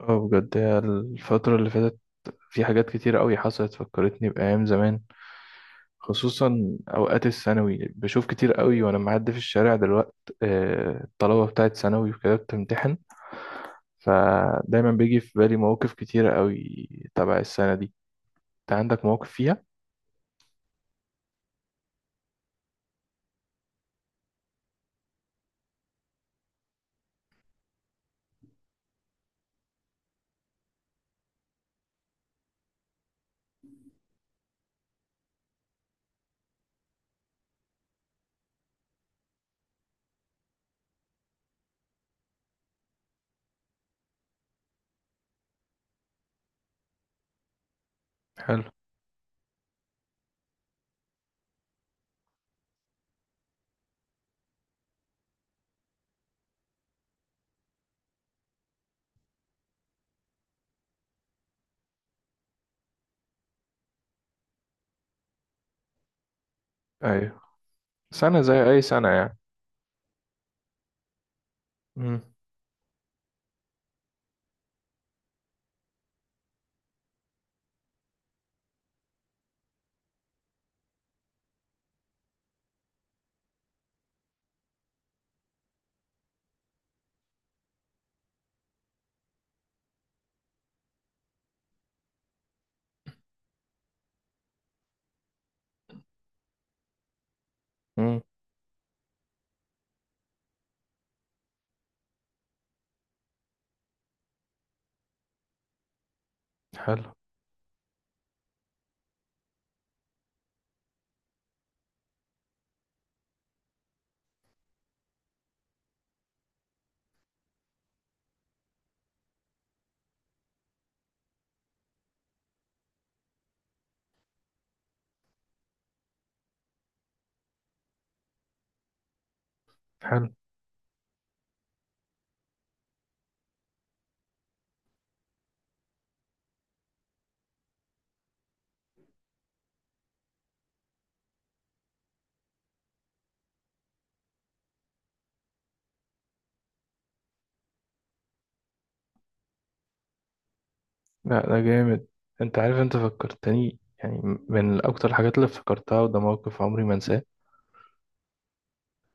اه بجد، هي الفترة اللي فاتت في حاجات كتير قوي حصلت فكرتني بأيام زمان، خصوصا أوقات الثانوي. بشوف كتير قوي وأنا معدي في الشارع دلوقت الطلبة بتاعت ثانوي وكده بتمتحن، فدايما بيجي في بالي مواقف كتيرة قوي تبع السنة دي. أنت عندك مواقف فيها؟ حلو. أيوة، سنة زي أي سنة يعني. مم. مم. حلو. حلو. لا ده جامد. أنت عارف، أنت فكرتني يعني من أكتر الحاجات اللي افتكرتها، وده موقف عمري ما أنساه.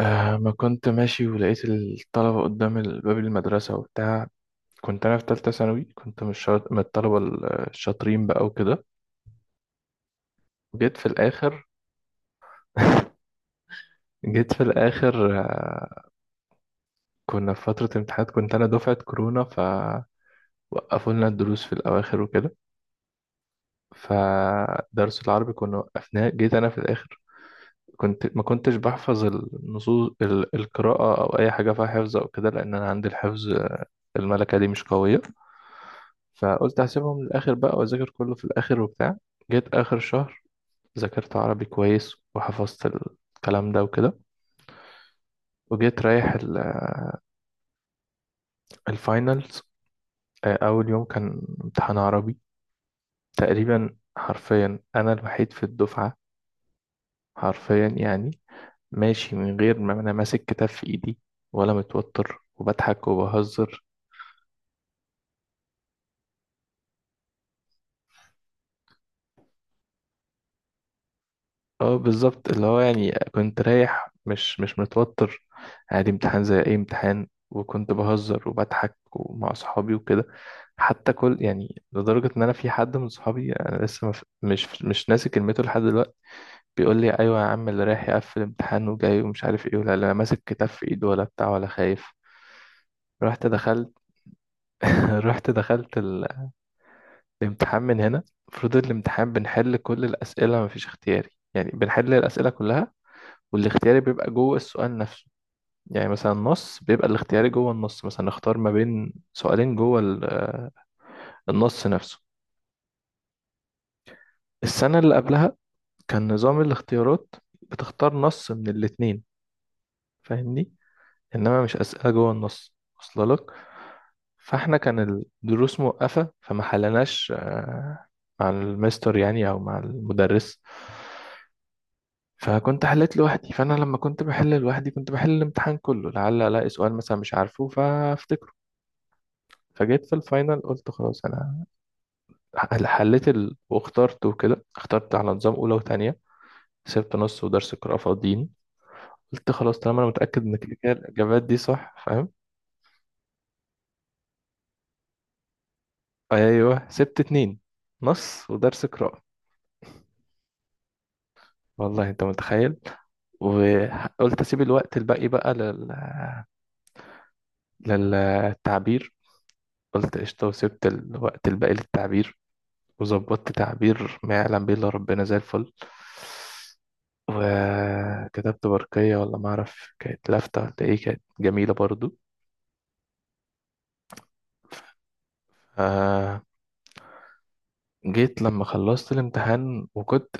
ما كنت ماشي ولقيت الطلبة قدام باب المدرسة وبتاع. كنت أنا في تالتة ثانوي، كنت من من الطلبة الشاطرين بقى وكده، وجيت في الآخر. جيت في الآخر. كنا في فترة امتحانات، كنت أنا دفعة كورونا فوقفوا لنا الدروس في الأواخر وكده. فدرس العربي كنا وقفناه، جيت أنا في الآخر. كنت ما كنتش بحفظ النصوص القراءة أو أي حاجة فيها حفظ أو كده، لأن أنا عندي الحفظ، الملكة دي مش قوية. فقلت هسيبهم للآخر بقى وأذاكر كله في الآخر وبتاع. جيت آخر شهر، ذاكرت عربي كويس وحفظت الكلام ده وكده، وجيت رايح الفاينلز. أول يوم كان امتحان عربي. تقريبا حرفيا أنا الوحيد في الدفعة، حرفيا يعني، ماشي من غير ما أنا ماسك كتاب في إيدي، ولا متوتر، وبضحك وبهزر. اه بالظبط، اللي هو يعني كنت رايح مش متوتر، عادي، امتحان زي اي امتحان، وكنت بهزر وبضحك ومع اصحابي وكده. حتى كل يعني، لدرجة ان انا في حد من صحابي انا لسه مف... مش مش ناسي كلمته لحد دلوقتي، بيقول لي: ايوه يا عم، اللي رايح يقفل امتحان وجاي، ومش عارف ايه، ولا لا ماسك كتاب في ايده ولا بتاع ولا خايف. رحت دخلت. رحت دخلت الامتحان من هنا. المفروض الامتحان بنحل كل الاسئلة، مفيش اختياري، يعني بنحل الاسئلة كلها، والاختياري بيبقى جوه السؤال نفسه. يعني مثلا النص بيبقى الاختياري جوه النص، مثلا اختار ما بين سؤالين جوه النص نفسه. السنة اللي قبلها كان نظام الاختيارات بتختار نص من الاتنين، فاهمني، انما مش أسئلة جوه النص واصله لك. فاحنا كان الدروس موقفة، فما حلناش مع المستر يعني او مع المدرس. فكنت حليت لوحدي، فانا لما كنت بحل لوحدي كنت بحل الامتحان كله، لعل الاقي سؤال مثلا مش عارفه فافتكره. فجيت في الفاينل قلت خلاص انا حليت واخترت وكده، اخترت على نظام اولى وتانية، سبت نص ودرس قراءة فاضيين. قلت خلاص، طالما انا متأكد ان كده كده الاجابات دي صح، فاهم؟ ايوه، سبت اتنين، نص ودرس قراءة. والله انت متخيل. وقلت اسيب الوقت الباقي بقى للتعبير. قلت قشطة، وسبت الوقت الباقي للتعبير. وظبطت تعبير ما يعلم به إلا ربنا زي الفل، وكتبت برقية ولا ما أعرف كانت لافتة، ولا إيه، كانت جميلة برضو. آه جيت لما خلصت الامتحان، وكنت،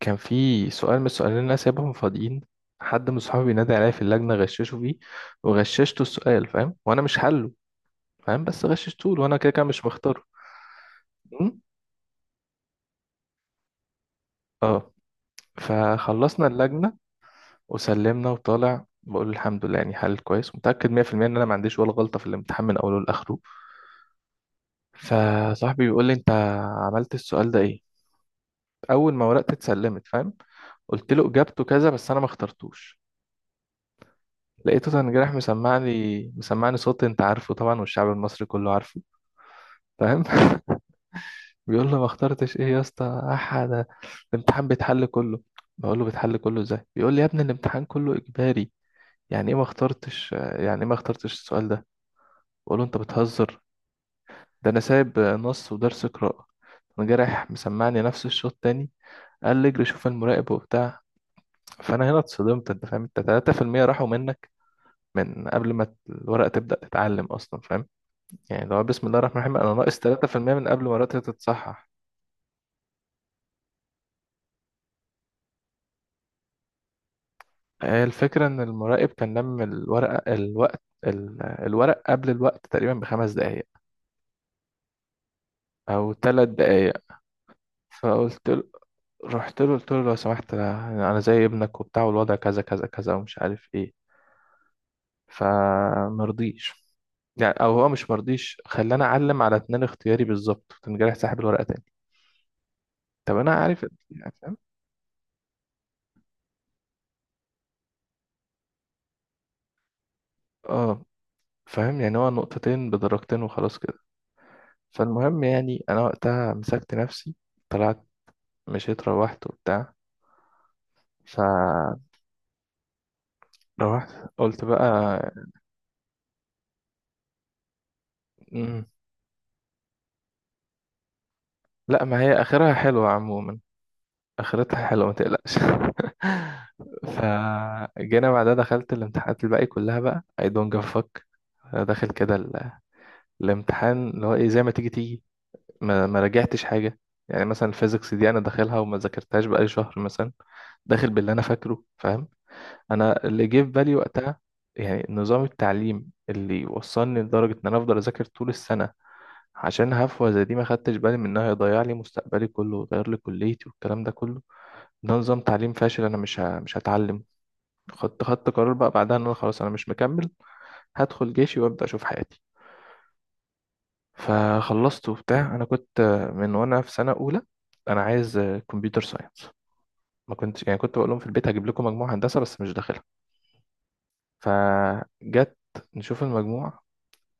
كان في سؤال من السؤالين اللي أنا سايبهم فاضيين، حد من صحابي نادى عليا في اللجنة غششه فيه، وغششته السؤال، فاهم، وأنا مش حله، فاهم، بس غششته له وأنا كده كده مش مختاره. م? اه. فخلصنا اللجنة وسلمنا، وطالع بقول الحمد لله، يعني حل كويس، متأكد 100% ان انا ما عنديش ولا غلطة في الامتحان من اوله لاخره. فصاحبي بيقول لي: انت عملت السؤال ده ايه؟ اول ما ورقت اتسلمت، فاهم. قلت له: اجابته كذا، بس انا ما اخترتوش. لقيته تنجرح، مسمعني صوت انت عارفه طبعا، والشعب المصري كله عارفه، فاهم. بيقول له: ما اخترتش ايه يا اسطى؟ احد الامتحان بيتحل كله. بقول له: بيتحل كله ازاي؟ بيقول لي: يا ابني، الامتحان كله اجباري، يعني ايه ما اخترتش، يعني ايه ما اخترتش السؤال ده؟ بقول له: انت بتهزر، ده انا سايب نص ودرس قراءة. انا جارح، مسمعني نفس الشوط تاني. قال لي: اجري شوف المراقب وبتاع. فانا هنا اتصدمت، انت فاهم، انت 3% راحوا منك من قبل ما الورقة تبدأ تتعلم اصلا، فاهم، يعني لو بسم الله الرحمن الرحيم انا ناقص 3% من قبل ما ورقتي تتصحح. الفكرة ان المراقب كان لم الورقة، الوقت، الورق قبل الوقت تقريبا بخمس دقايق او ثلاث دقايق. فقلت له رحت له قلت له: لو سمحت، أنا زي ابنك وبتاع، والوضع كذا كذا كذا، ومش عارف ايه. فمرضيش، يعني او هو مش مرضيش، خلاني اعلم على اتنين اختياري بالظبط، كان جارح ساحب الورقه تاني. طب انا عارف يعني، فاهم، اه، فاهم يعني، هو نقطتين بدرجتين وخلاص كده. فالمهم يعني، انا وقتها مسكت نفسي، طلعت، مشيت، روحت وبتاع. فروحت قلت بقى. مم. لا، ما هي اخرها حلوه عموما، اخرتها حلوه، ما تقلقش. فجينا بعدها، دخلت الامتحانات الباقي كلها بقى I don't give a fuck، داخل كده الامتحان، اللي هو ايه، زي ما تيجي تيجي، ما راجعتش حاجه. يعني مثلا الفيزيكس دي انا داخلها وما ذاكرتهاش بقالي شهر مثلا، داخل باللي انا فاكره، فاهم. انا اللي جه في بالي وقتها، يعني نظام التعليم اللي وصلني لدرجه ان انا افضل اذاكر طول السنه، عشان هفوه زي دي ما خدتش بالي منها، هيضيع لي مستقبلي كله ويغير لي كليتي والكلام ده كله. ده نظام تعليم فاشل، انا مش هتعلم. خدت قرار بقى بعدها ان انا خلاص انا مش مكمل، هدخل جيشي وابدا اشوف حياتي. فخلصت وبتاع، انا كنت من وانا في سنه اولى انا عايز كمبيوتر ساينس. ما كنت يعني كنت بقول لهم في البيت: هجيب لكم مجموعه هندسه، بس مش داخلها. فجت، نشوف المجموع،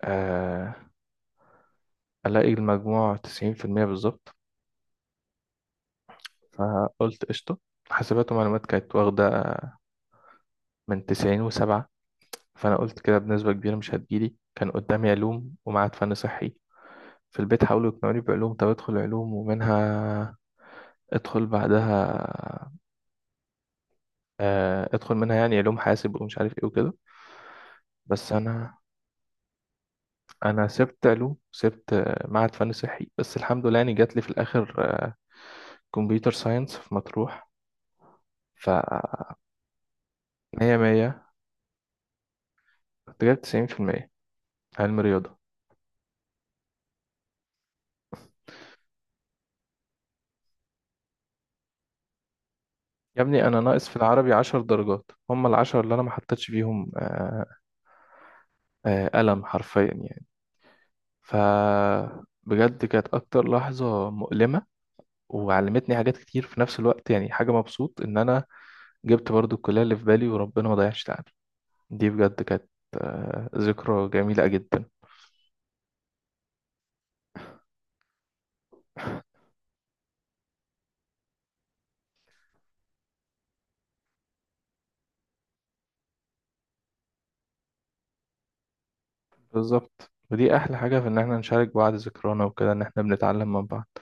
آه الاقي المجموع 90% بالظبط. فقلت قشطه، حاسبات ومعلومات كانت واخده من 97، فانا قلت كده بنسبه كبيره مش هتجيلي. كان قدامي علوم ومعاد، فن صحي. في البيت حاولوا يقنعوني بعلوم، طب ادخل علوم ومنها ادخل بعدها، ادخل منها يعني علوم حاسب ومش عارف ايه وكده. بس انا سبت علوم، سبت معهد فن صحي، بس الحمد لله يعني جات لي في الاخر كمبيوتر ساينس في مطروح. ف 100 100، كنت جايب 90%، علم رياضة. يا ابني انا ناقص في العربي 10 درجات، هم العشرة اللي انا ما حطيتش فيهم، قلم حرفيا يعني. ف بجد كانت اكتر لحظة مؤلمة، وعلمتني حاجات كتير في نفس الوقت. يعني حاجة، مبسوط ان انا جبت برضو الكلية اللي في بالي، وربنا ما ضيعش تعبي. دي بجد كانت ذكرى جميلة جدا. بالظبط، ودي أحلى حاجة، في إن إحنا نشارك بعض ذكرانا وكده، إن إحنا بنتعلم من بعض.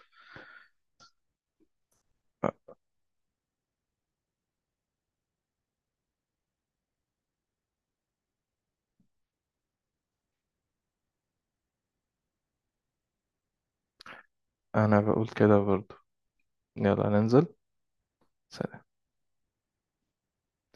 أنا بقول كده برضو، يلا ننزل.